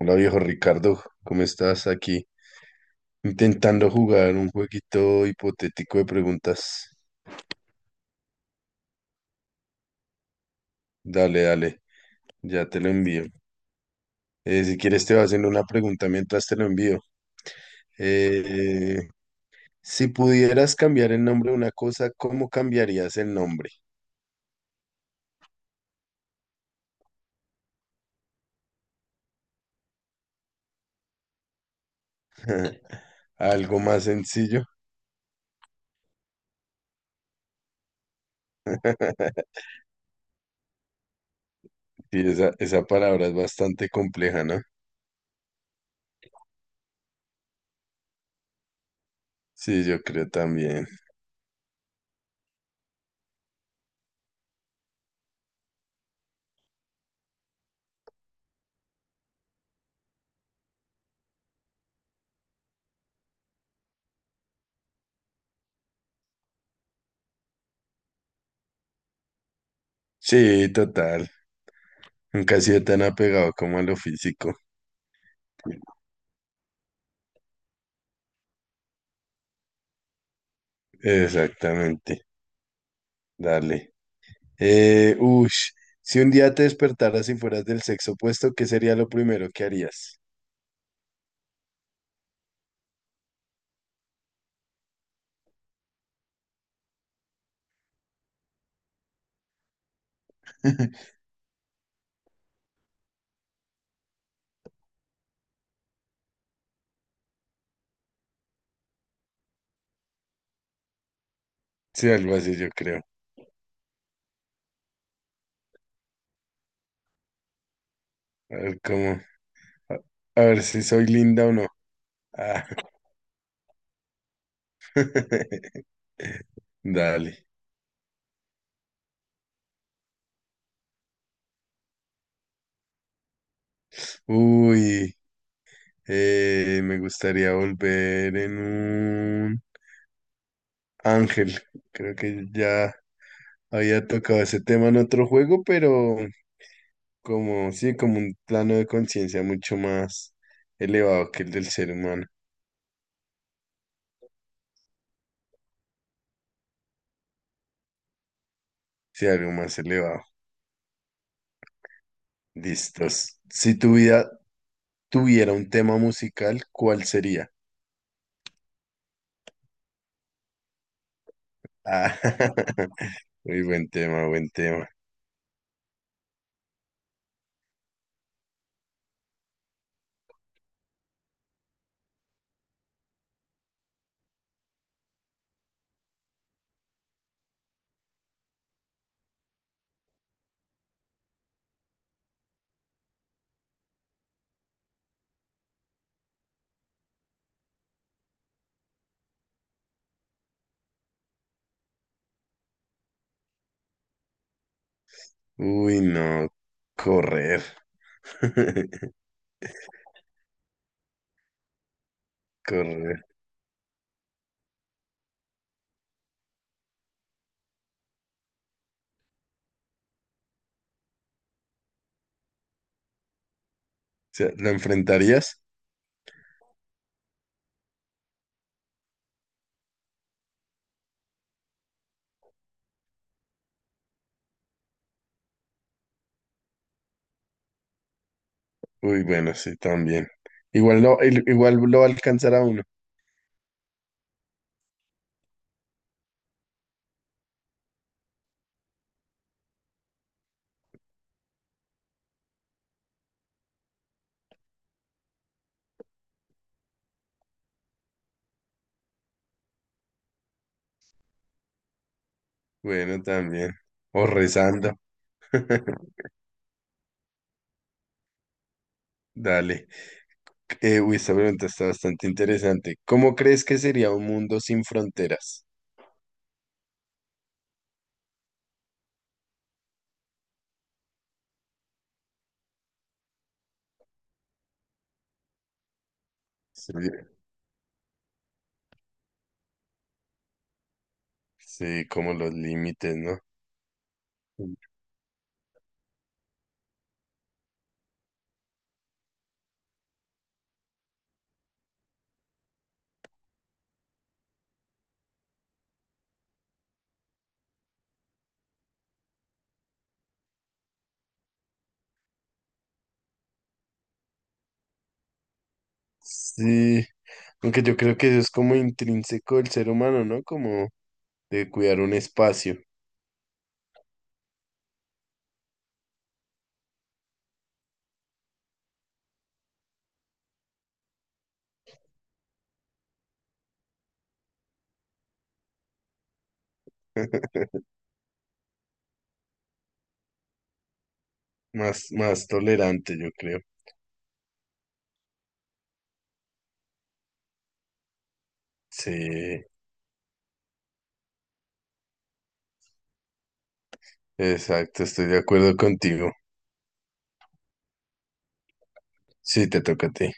Hola viejo Ricardo, ¿cómo estás aquí? Intentando jugar un jueguito hipotético de preguntas. Dale, dale, ya te lo envío. Si quieres te voy haciendo una pregunta mientras te lo envío. Eh, si pudieras cambiar el nombre de una cosa, ¿cómo cambiarías el nombre? Algo más sencillo. Sí, esa palabra es bastante compleja, ¿no? Sí, yo creo también. Sí, total. Nunca he sido tan apegado como a lo físico. Exactamente. Dale. Eh, ush, si un día te despertaras y fueras del sexo opuesto, ¿qué sería lo primero que harías? Sí, algo así yo creo. A ver cómo, a, a ver si soy linda o no. Ah, Dale. Uy, me gustaría volver en un ángel. Creo que ya había tocado ese tema en otro juego, pero como sí, como un plano de conciencia mucho más elevado que el del ser humano. Sí, algo más elevado. Listos. Si tu vida tuviera un tema musical, ¿cuál sería? Ah, muy buen tema, buen tema. Uy, no, correr. Correr. O sea, ¿lo enfrentarías? Uy, bueno, sí, también. Igual lo va a alcanzar a uno. Bueno, también. O rezando. Dale. Uy, esta pregunta está bastante interesante. ¿Cómo crees que sería un mundo sin fronteras? Sí, sí, como los límites, ¿no? Sí, aunque yo creo que eso es como intrínseco del ser humano, ¿no? Como de cuidar un espacio más, más tolerante, yo creo. Sí, exacto, estoy de acuerdo contigo. Sí, te toca a ti.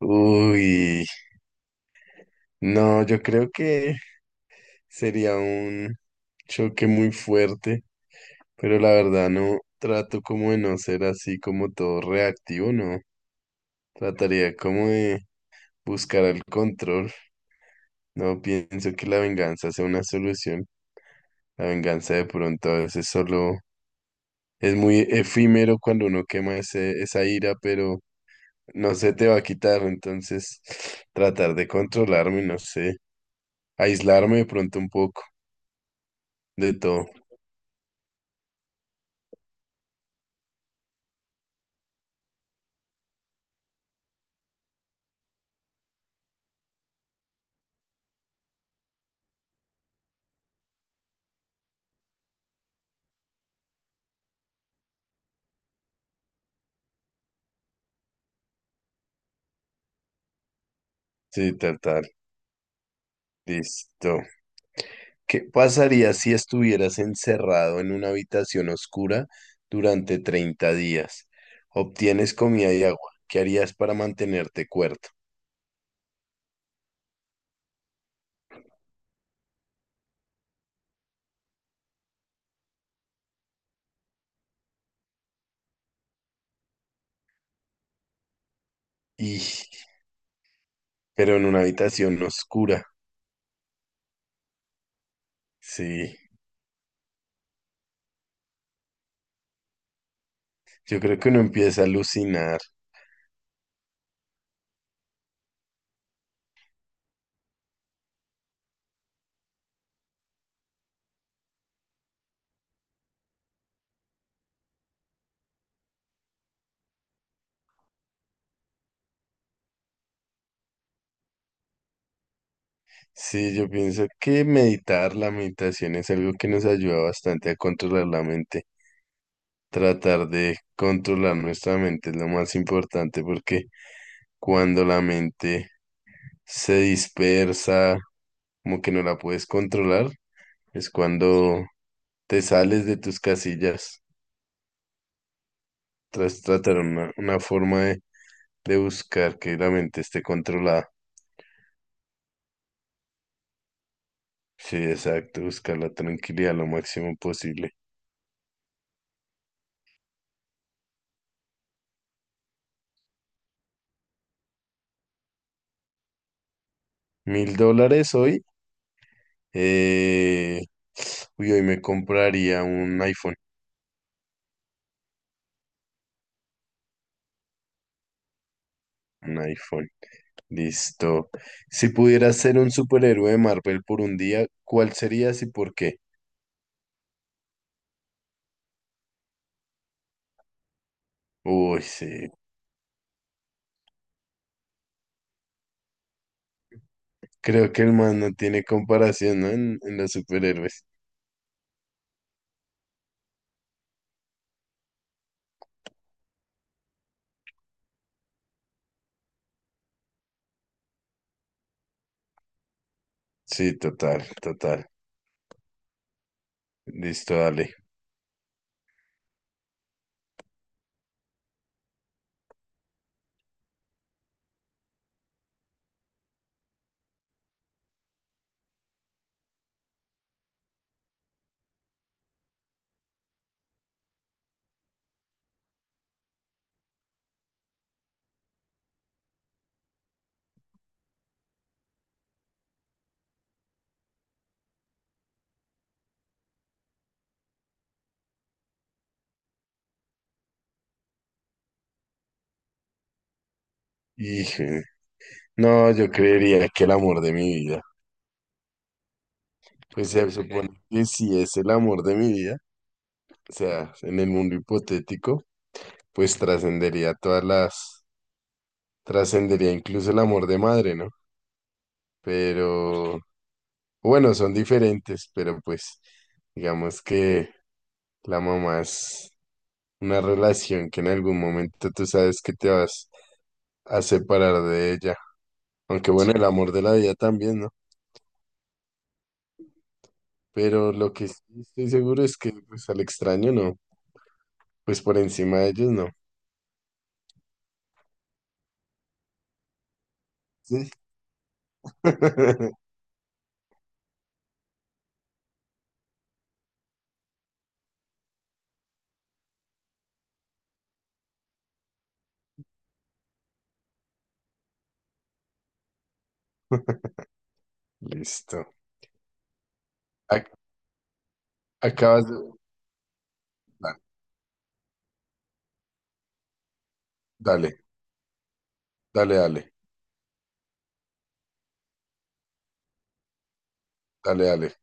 Uy, no, yo creo que sería un choque muy fuerte, pero la verdad no trato como de no ser así como todo reactivo, no. Trataría como de buscar el control. No pienso que la venganza sea una solución. La venganza de pronto a veces solo es muy efímero cuando uno quema esa ira, pero no se te va a quitar. Entonces, tratar de controlarme, no sé, aislarme de pronto un poco de todo. Sí, tal, tal. Listo. ¿Qué pasaría si estuvieras encerrado en una habitación oscura durante 30 días? Obtienes comida y agua. ¿Qué harías para mantenerte cuerdo? Y, pero en una habitación oscura. Sí. Yo creo que uno empieza a alucinar. Sí, yo pienso que meditar, la meditación es algo que nos ayuda bastante a controlar la mente. Tratar de controlar nuestra mente es lo más importante porque cuando la mente se dispersa, como que no la puedes controlar, es cuando te sales de tus casillas. Tras tratar una forma de buscar que la mente esté controlada. Sí, exacto, buscar la tranquilidad lo máximo posible. $1000 hoy. Eh, uy, hoy me compraría un iPhone. Un iPhone. Listo. Si pudieras ser un superhéroe de Marvel por un día, ¿cuál serías y por qué? Uy, sí. Creo que el man no tiene comparación, ¿no? En los superhéroes. Sí, total, total. Listo, dale. Híjole. No, yo creería que el amor de mi vida. Pues se supone. Ok. Que si es el amor de mi vida, o sea, en el mundo hipotético, pues trascendería todas las trascendería incluso el amor de madre, ¿no? Pero bueno, son diferentes, pero pues digamos que la mamá es una relación que en algún momento tú sabes que te vas a separar de ella. Aunque bueno, el amor de la vida también, ¿no? Pero lo que sí estoy seguro es que pues al extraño no, pues por encima de ellos no. Sí. Listo. Ac- acabas de... Dale, dale, dale, dale, dale.